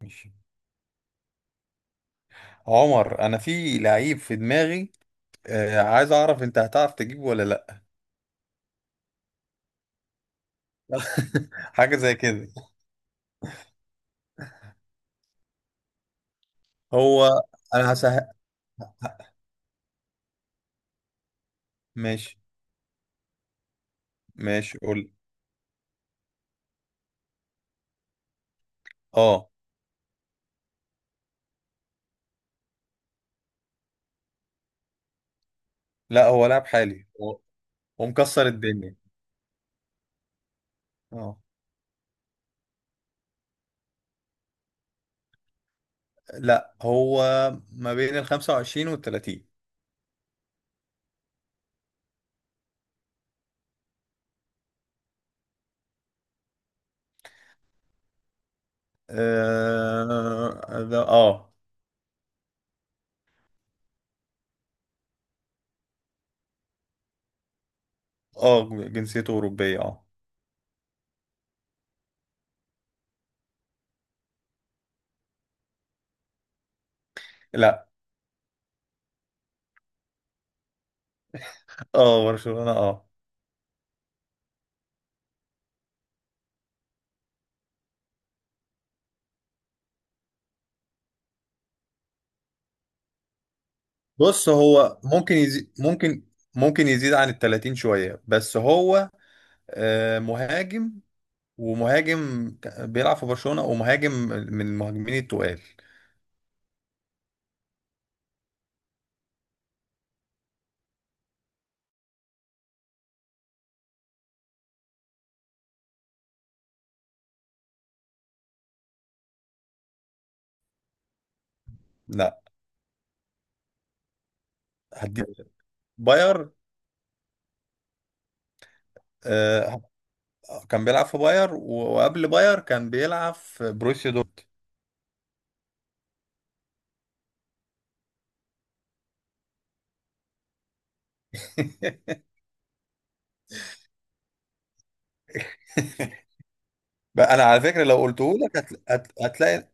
ماشي. عمر، انا في لعيب في دماغي. عايز اعرف انت هتعرف تجيبه ولا لا؟ حاجه زي كده. هو انا هسهل. ماشي، ماشي، قول. اه، لا، هو لاعب حالي. هو مكسر الدنيا. اه، لا، هو ما بين ال 25 وال 30. اه، اه، اه، جنسيته اوروبيه، اه. لا. اه، برشلونه، اه. بص، هو ممكن يزيد، ممكن يزيد عن ال 30 شويه، بس هو مهاجم. بيلعب في برشلونة، ومهاجم من المهاجمين التقال. لا، هديك، باير. آه، كان بيلعب في باير و- وقبل باير كان بيلعب في بروسيا دورتموند. بقى انا على فكرة، لو قلته لك هتلاقي.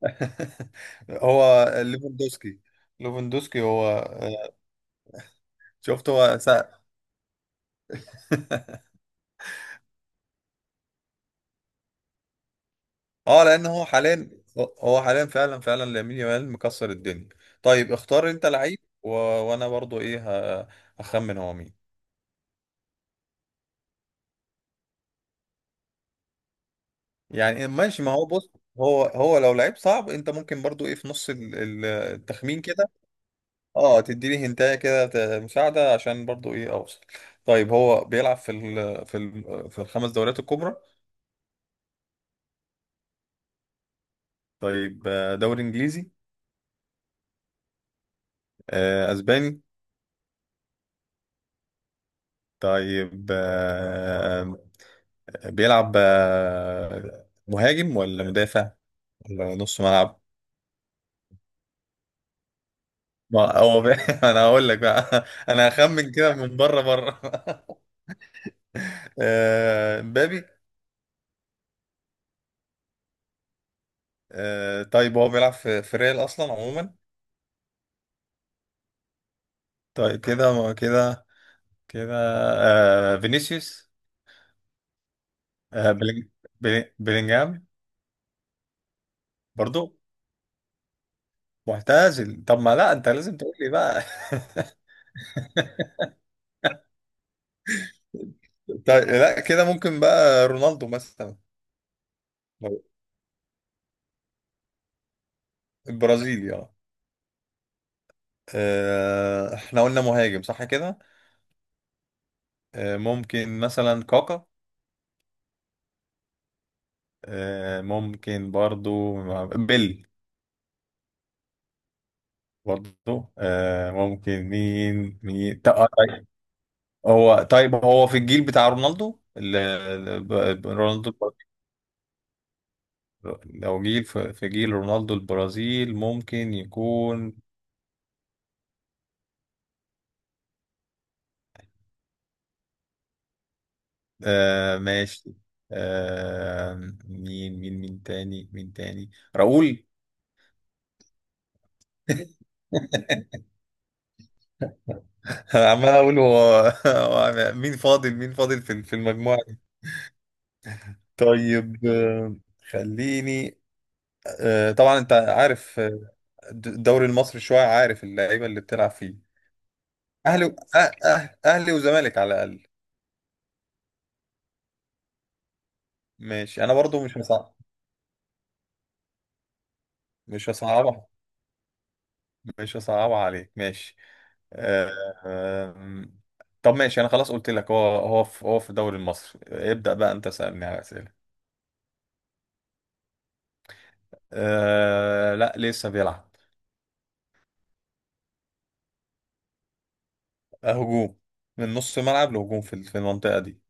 هو ليفاندوسكي. ليفاندوسكي هو آه، شفت، هو سأل. اه، لان هو حاليا فعلا، فعلا لامين يامال مكسر الدنيا. طيب، اختار انت لعيب، وانا برضو ايه، ه... هخمن هو مين. يعني إيه، ماشي. ما هو، بص، هو لو لعيب صعب انت ممكن برضو ايه في نص التخمين كده. اه، تديني هنتايه كده مساعده عشان برضو ايه اوصل. طيب، هو بيلعب في الخمس دوريات الكبرى؟ طيب، دوري انجليزي؟ اسباني؟ طيب، بيلعب مهاجم ولا مدافع ولا نص ملعب؟ ما هو بي... انا هقول لك بقى، انا هخمن كده من بره، بره. مبابي؟ طيب، هو بيلعب في ريال اصلا عموما؟ طيب، كده، كده، كده. فينيسيوس؟ آه، بلينج... بلينجهام؟ برضو؟ معتزل؟ طب ما لا، انت لازم تقول لي بقى. طيب، لا، كده ممكن بقى رونالدو مثلا. البرازيلي. احنا قلنا مهاجم صح كده. ممكن مثلا كاكا. ممكن برضو بيل. برضو ممكن، مين مين طيب. هو طيب، هو في الجيل بتاع رونالدو، رونالدو البرازيل. لو جيل في جيل رونالدو البرازيل ممكن يكون. ماشي. آه، مين تاني، مين تاني؟ راؤول. انا عمال اقول هو. هو مين فاضل، مين فاضل في المجموعه دي؟ طيب، خليني. طبعا انت عارف، الدوري المصري شويه، عارف اللعيبه اللي بتلعب فيه. اهلي اهلي وزمالك على الاقل. ماشي، انا برضو مش هصعب، مش هصعبها، مش هصعبها عليك، ماشي. آه، آم، طب ماشي، انا خلاص قلت لك هو في الدوري المصري. ابدأ بقى، انت سألني على اسئله. أه، لا، لسه بيلعب. هجوم. من نص ملعب لهجوم في المنطقة دي.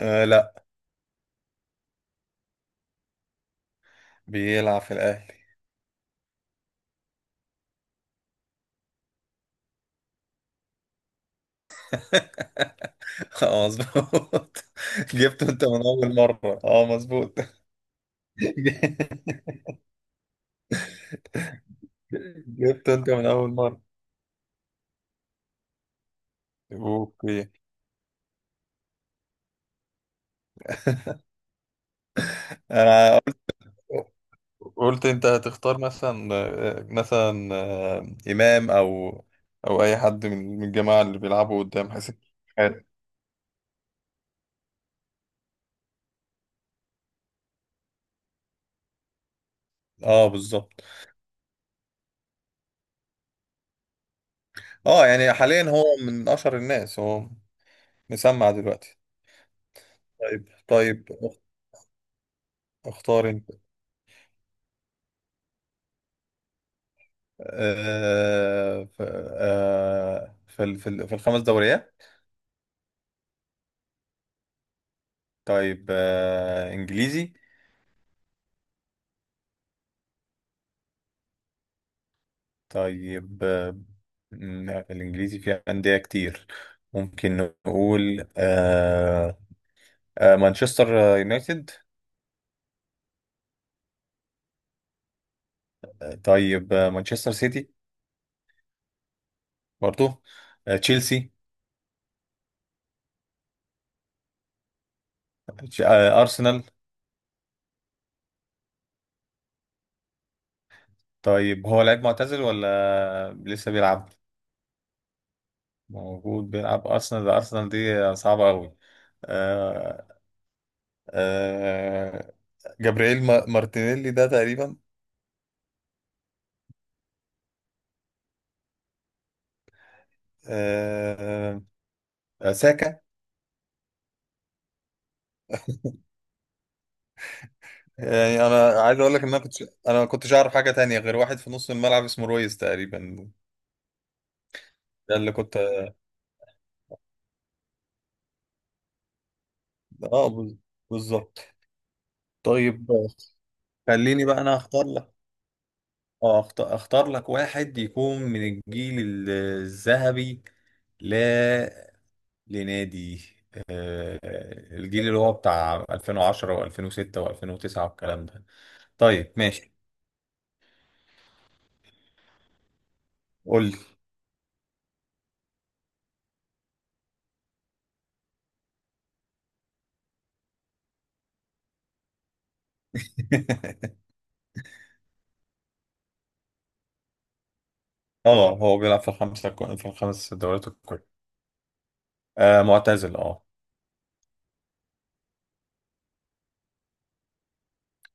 لا. بيلعب في الأهلي. اه، مظبوط. جبته انت من أول مرة، اه، مظبوط. جبته انت من أول مرة. اوكي. انا قلت انت هتختار مثلا، مثلا، امام، او اي حد من الجماعه اللي بيلعبوا قدام حسين شحاتة. اه، بالظبط. اه، يعني حاليا هو من اشهر الناس. هو مسمع دلوقتي. طيب، طيب، اختار انت. آه ف- في الخمس دوريات. طيب، انجليزي. طيب، الانجليزي فيها انديه كتير. ممكن نقول، مانشستر يونايتد. طيب، مانشستر سيتي. برضو. تشيلسي. ارسنال. طيب، هو لعيب معتزل ولا لسه بيلعب؟ موجود بيلعب. أرسنال، ده أرسنال دي صعبة أوي. آه آه جابرييل مارتينيلي ده تقريبا؟ آه ساكا. يعني أنا عايز أقول لك إن أنا كنت، أنا ما كنتش أعرف حاجة تانية غير واحد في نص الملعب اسمه رويز تقريبا. ده اللي كنت آه بز- بالظبط. طيب، خليني بقى أنا أختار لك. أختار لك واحد يكون من الجيل الذهبي ل لنادي. آه، الجيل اللي هو بتاع 2010 و2006 و2009 والكلام ده. طيب ماشي، قول لي. اه، هو بيلعب في الخمس دوريات الكبرى. آه، معتزل، اه.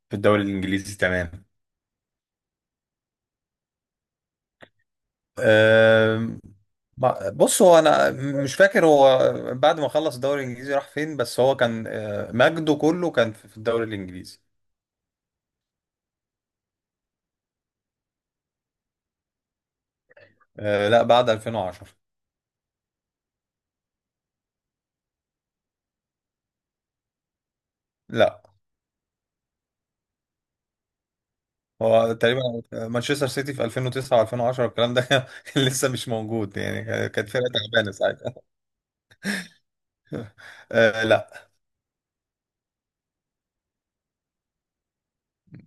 في الدوري الانجليزي، تمام. آه، بص هو، انا مش فاكر هو بعد ما خلص الدوري الانجليزي راح فين، بس هو كان مجده كله كان في الدوري الانجليزي. آه، لا، بعد 2010. لا، هو تقريبا مانشستر سيتي في 2009 و2010 الكلام ده كان لسه مش موجود، يعني كانت فرقه تعبانه ساعتها. آه، لا.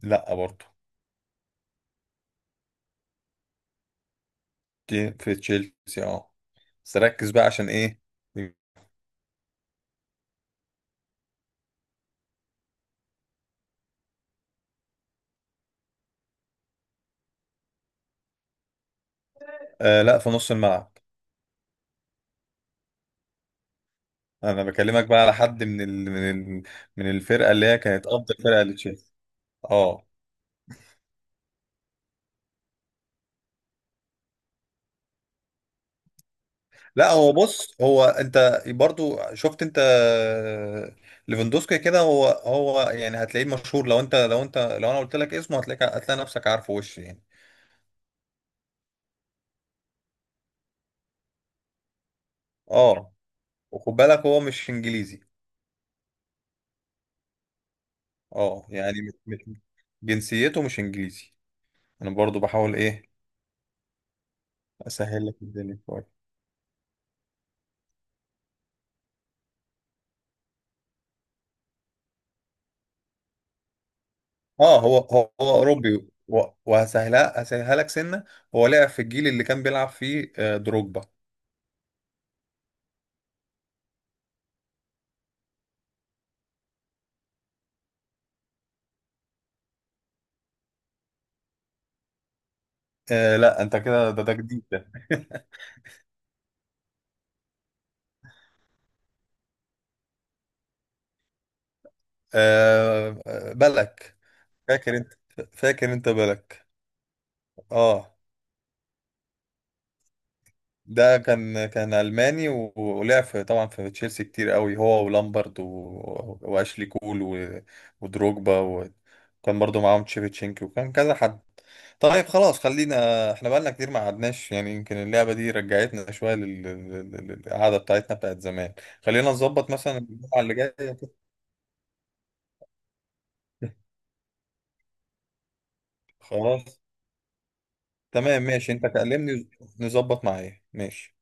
لا، برضه. دي في تشيلسي، اه، بس ركز بقى عشان ايه. آه، لا، في نص الملعب. انا بكلمك بقى على حد ال... من الفرقه اللي هي كانت افضل فرقه لتشيلسي. اه، لا، هو بص هو، انت برضو شفت انت، ليفاندوسكي كده، هو يعني هتلاقيه مشهور، لو انت لو انا قلت لك اسمه هتلاقيك، هتلاقي نفسك عارفه وش يعني. اه، وخد بالك هو مش انجليزي. اه، يعني مش- جنسيته مش انجليزي. انا برضو بحاول ايه اسهل لك الدنيا شويه. اه، هو اوروبي و- وهسهلها، هسهلها لك سنه. هو لعب في الجيل اللي كان بيلعب فيه دروجبا. آه، لا، انت كده، ده ده جديد ده. آه، بلك، فاكر انت؟ فاكر انت بلك؟ اه، ده كان، كان الماني و- ولعب في طبعا في تشيلسي كتير قوي، هو ولامبرد و واشلي كول و ودروجبا، وكان برضو معاهم تشيفتشينكي، وكان كذا حد. طيب، خلاص، خلينا احنا بقالنا كتير ما قعدناش، يعني يمكن اللعبة دي رجعتنا شوية للقعدة بتاعتنا بتاعت زمان. خلينا نظبط مثلا الجمعة اللي جاية. خلاص، تمام، ماشي، انت كلمني، نظبط معايا، ماشي.